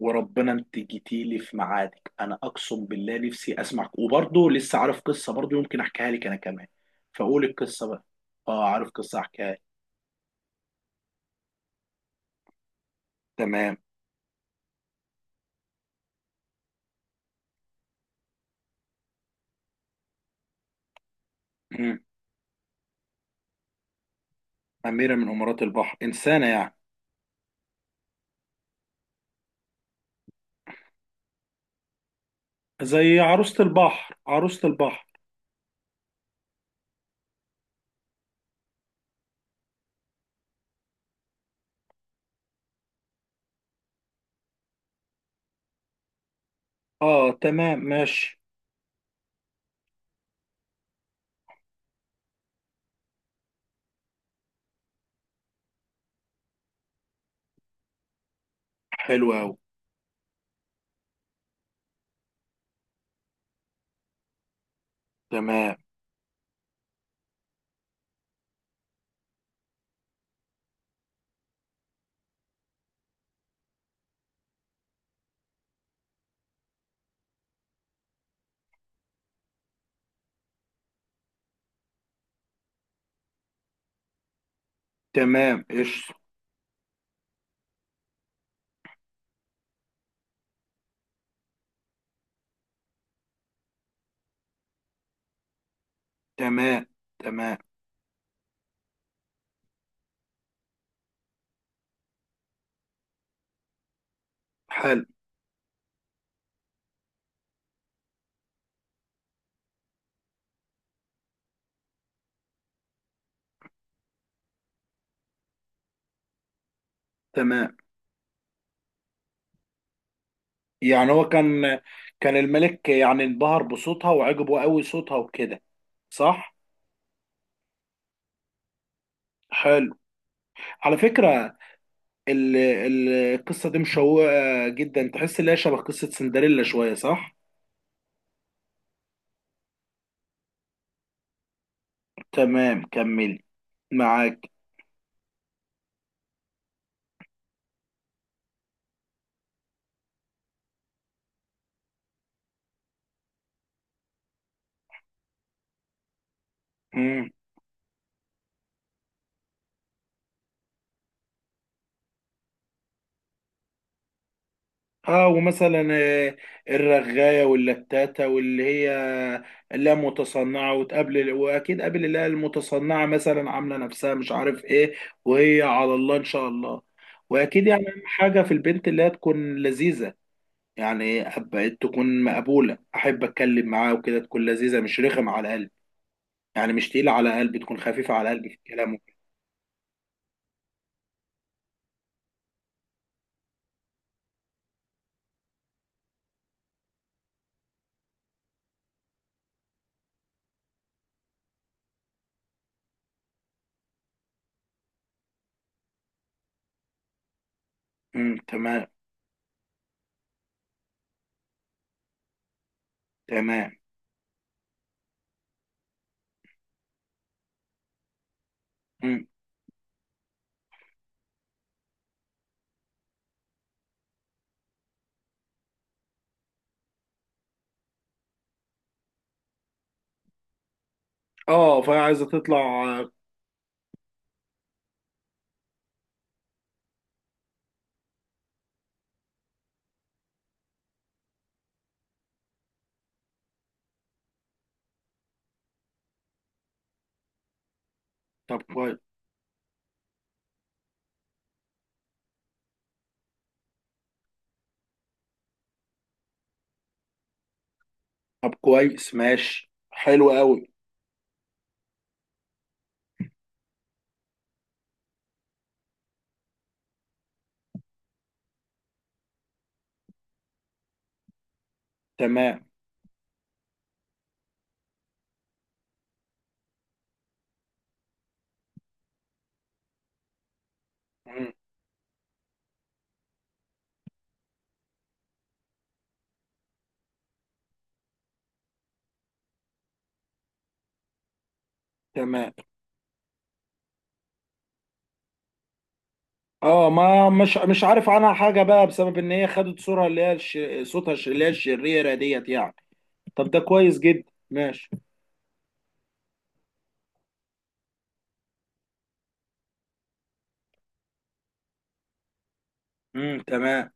وربنا انت جيتيلي في ميعادك. انا اقسم بالله نفسي اسمعك، وبرضه لسه عارف قصه برضه يمكن احكيها لك انا كمان. فقول القصه بقى. اه، عارف قصه احكيها لك. تمام. مم. اميره من امارات البحر، انسانه يعني؟ زي عروسه البحر، عروسه البحر. اه تمام، ماشي. حلو قوي. تمام. تمام ايش؟ تمام. تمام. حلو. تمام، يعني هو كان، كان الملك يعني انبهر بصوتها وعجبه قوي صوتها وكده. صح. حلو. على فكرة ال- ال- القصة دي مشوقة جدا، تحس ان هي شبه قصة سندريلا شوية صح؟ تمام، كملي. معاك. مم. اه، ومثلا الرغاية واللتاتة واللي هي، لا، متصنعة. وتقابل واكيد قابل اللي هي المتصنعة، مثلا عاملة نفسها مش عارف ايه وهي على الله ان شاء الله. واكيد يعني اهم حاجة في البنت اللي هي تكون لذيذة. يعني تكون مقبولة، احب اتكلم معاها وكده، تكون لذيذة، مش رخم على القلب. يعني مش تقيلة على قلبي، تكون خفيفة على قلبي في الكلام وكده. امم، تمام. تمام. امم. اه، فهي عايزة تطلع طب كويس. طب كويس، ماشي، حلو قوي. تمام. امم. تمام. اه، ما مش، مش عارف عنها حاجة بقى بسبب ان هي خدت صورة اللي هي صوتها اللي هي الشريرة ديت يعني. طب ده كويس جدا، ماشي. امم، تمام.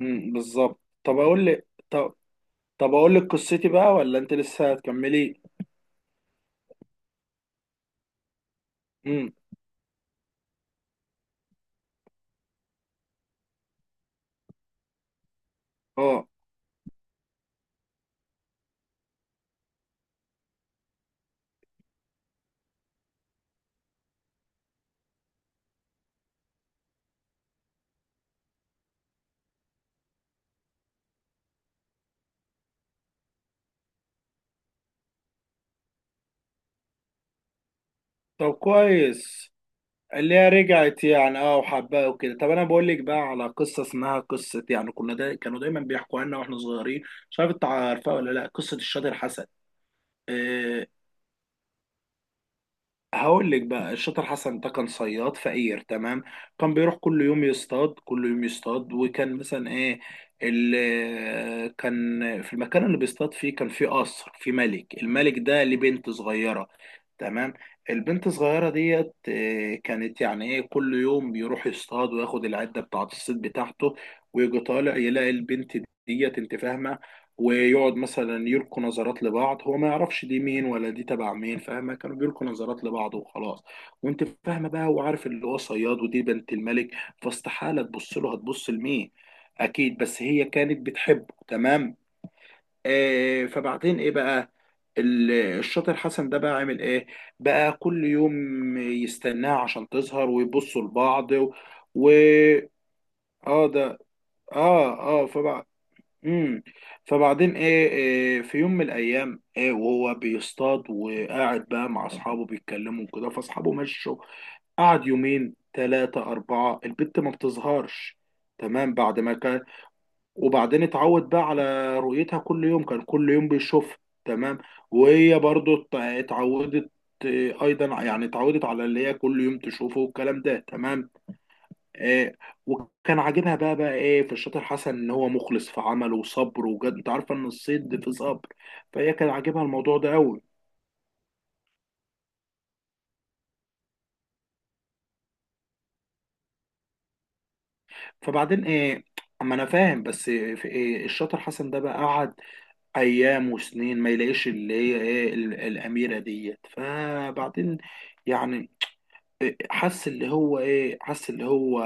بالظبط. طب اقول لك، طب، طب اقول لك قصتي بقى ولا انت لسه هتكملي؟ امم. اه. طب كويس. اللي هي رجعت يعني، اه، وحباه وكده. طب انا بقول لك بقى على قصه اسمها قصه، يعني كنا دا كانوا دايما بيحكوا عنها واحنا صغيرين. مش عارف انت عارفها ولا لا، قصه الشاطر حسن. آه، هقول لك بقى. الشاطر حسن ده كان صياد فقير، تمام. كان بيروح كل يوم يصطاد، كل يوم يصطاد، وكان مثلا ايه، اللي كان في المكان اللي بيصطاد فيه كان فيه قصر، فيه ملك، الملك ده ليه بنت صغيرة، تمام. البنت الصغيرة ديت كانت يعني ايه، كل يوم بيروح يصطاد وياخد العدة بتاعة الصيد بتاعته، ويجي طالع يلاقي البنت ديت، انت فاهمة؟ ويقعد مثلا يلقوا نظرات لبعض، هو ما يعرفش دي مين ولا دي تبع مين، فاهمة؟ كانوا بيلقوا نظرات لبعض وخلاص. وانت فاهمة بقى، وعارف اللي هو صياد ودي بنت الملك، فاستحالة تبص له، هتبص لمين؟ اكيد. بس هي كانت بتحبه، تمام. آه، فبعدين ايه بقى، الشاطر حسن ده بقى عامل ايه بقى؟ كل يوم يستناها عشان تظهر ويبصوا لبعض و... اه ده. اه. اه فبقى، امم، فبعدين ايه، إيه، في يوم من الايام، ايه، وهو بيصطاد وقاعد بقى مع اصحابه بيتكلموا وكده، فاصحابه مشوا. قعد يومين ثلاثة أربعة البت ما بتظهرش. تمام بعد ما كان وبعدين اتعود بقى على رؤيتها، كل يوم كان كل يوم بيشوفها، تمام. وهي برضو اتعودت ايضا يعني، اتعودت على اللي هي كل يوم تشوفه والكلام ده، تمام. آه، وكان عاجبها بقى، بقى ايه في الشاطر حسن، ان هو مخلص في عمله وصبر وجد، انت عارفه ان الصيد في صبر. فهي كان عاجبها الموضوع ده قوي. فبعدين ايه، اما انا فاهم بس في إيه، الشاطر حسن ده بقى قعد ايام وسنين ما يلاقيش اللي هي ايه، الاميره ديت. فبعدين يعني حس اللي هو ايه، حس اللي هو،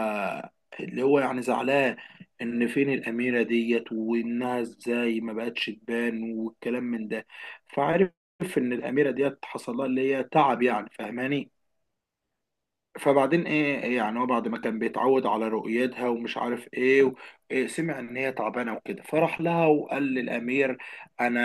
اللي هو يعني زعلان، ان فين الاميره ديت، وانها ازاي ما بقتش تبان والكلام من ده. فعرف ان الاميره ديت حصل لها اللي هي تعب يعني، فاهماني؟ فبعدين ايه، إيه يعني، هو بعد ما كان بيتعود على رؤيتها ومش عارف ايه، و... إيه، سمع ان هي تعبانه وكده، فراح لها وقال للامير، انا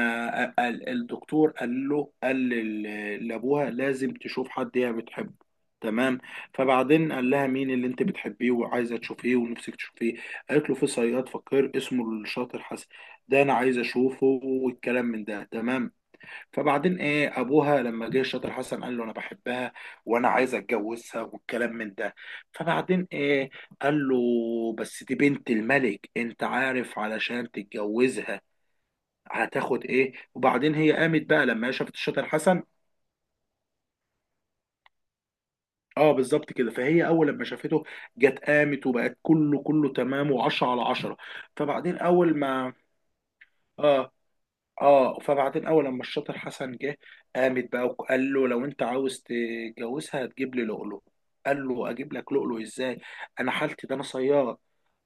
الدكتور قال له، قال لابوها لازم تشوف حد هي بتحبه، تمام. فبعدين قال لها مين اللي انت بتحبيه وعايزه تشوفيه ونفسك تشوفيه؟ قالت له في صياد فقير اسمه الشاطر حسن، ده انا عايزه اشوفه والكلام من ده، تمام. فبعدين ايه، ابوها لما جه شاطر حسن قال له انا بحبها وانا عايز اتجوزها والكلام من ده. فبعدين ايه، قال له بس دي بنت الملك، انت عارف علشان تتجوزها هتاخد ايه؟ وبعدين هي قامت بقى لما هي شافت شاطر حسن، اه بالظبط كده. فهي اول لما شافته جت قامت وبقت كله كله تمام وعشرة على عشرة. فبعدين اول ما اه اه فبعدين اول لما الشاطر حسن جه، قامت بقى وقال له لو انت عاوز تتجوزها هتجيب لي لؤلؤ. قال له اجيب لك لؤلؤ ازاي، انا حالتي ده انا صياد،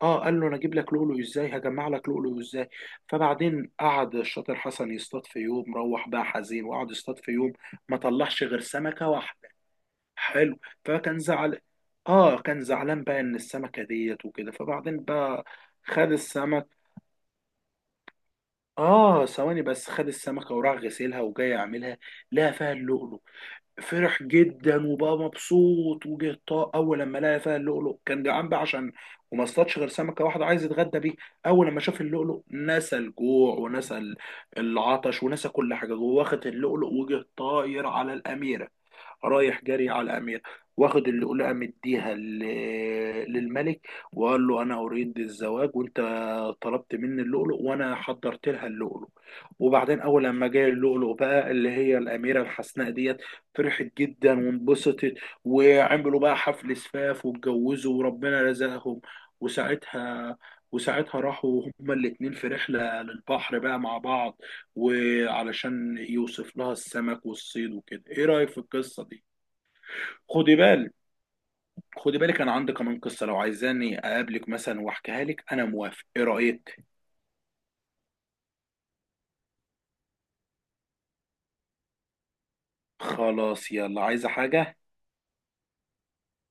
اه. قال له انا اجيب لك لؤلؤ ازاي، هجمع لك لؤلؤ ازاي؟ فبعدين قعد الشاطر حسن يصطاد في يوم، روح بقى حزين وقعد يصطاد في يوم، ما طلعش غير سمكة واحدة، حلو. فكان زعل، اه، كان زعلان بقى ان السمكة ديت وكده. فبعدين بقى خد السمكة، اه ثواني بس، خد السمكه وراح غسلها وجاي اعملها، لقى فيها اللؤلؤ. فرح جدا وبقى مبسوط وجه طاق. اول لما لقى فيها اللؤلؤ كان جعان بقى، عشان وما اصطادش غير سمكه واحده عايز يتغدى بيه. اول لما شاف اللؤلؤ نسى الجوع ونسى العطش ونسى كل حاجه جوه، واخد اللؤلؤ وجه طاير على الاميره، رايح جري على الأمير. واخد اللؤلؤة مديها للملك، وقال له أنا أريد الزواج وأنت طلبت مني اللؤلؤ وأنا حضرت لها اللؤلؤ. وبعدين أول لما جاي اللؤلؤ بقى اللي هي الأميرة الحسناء ديت، فرحت جدا وانبسطت. وعملوا بقى حفل زفاف واتجوزوا وربنا رزقهم. وساعتها وساعتها راحوا هما الاتنين في رحلة للبحر بقى مع بعض، وعلشان يوصف لها السمك والصيد وكده. ايه رأيك في القصة دي؟ خدي بالك، خدي بالك، انا عندي كمان قصه، لو عايزاني اقابلك مثلا واحكيها لك انا موافق. ايه رايك؟ خلاص يلا، عايزه حاجه؟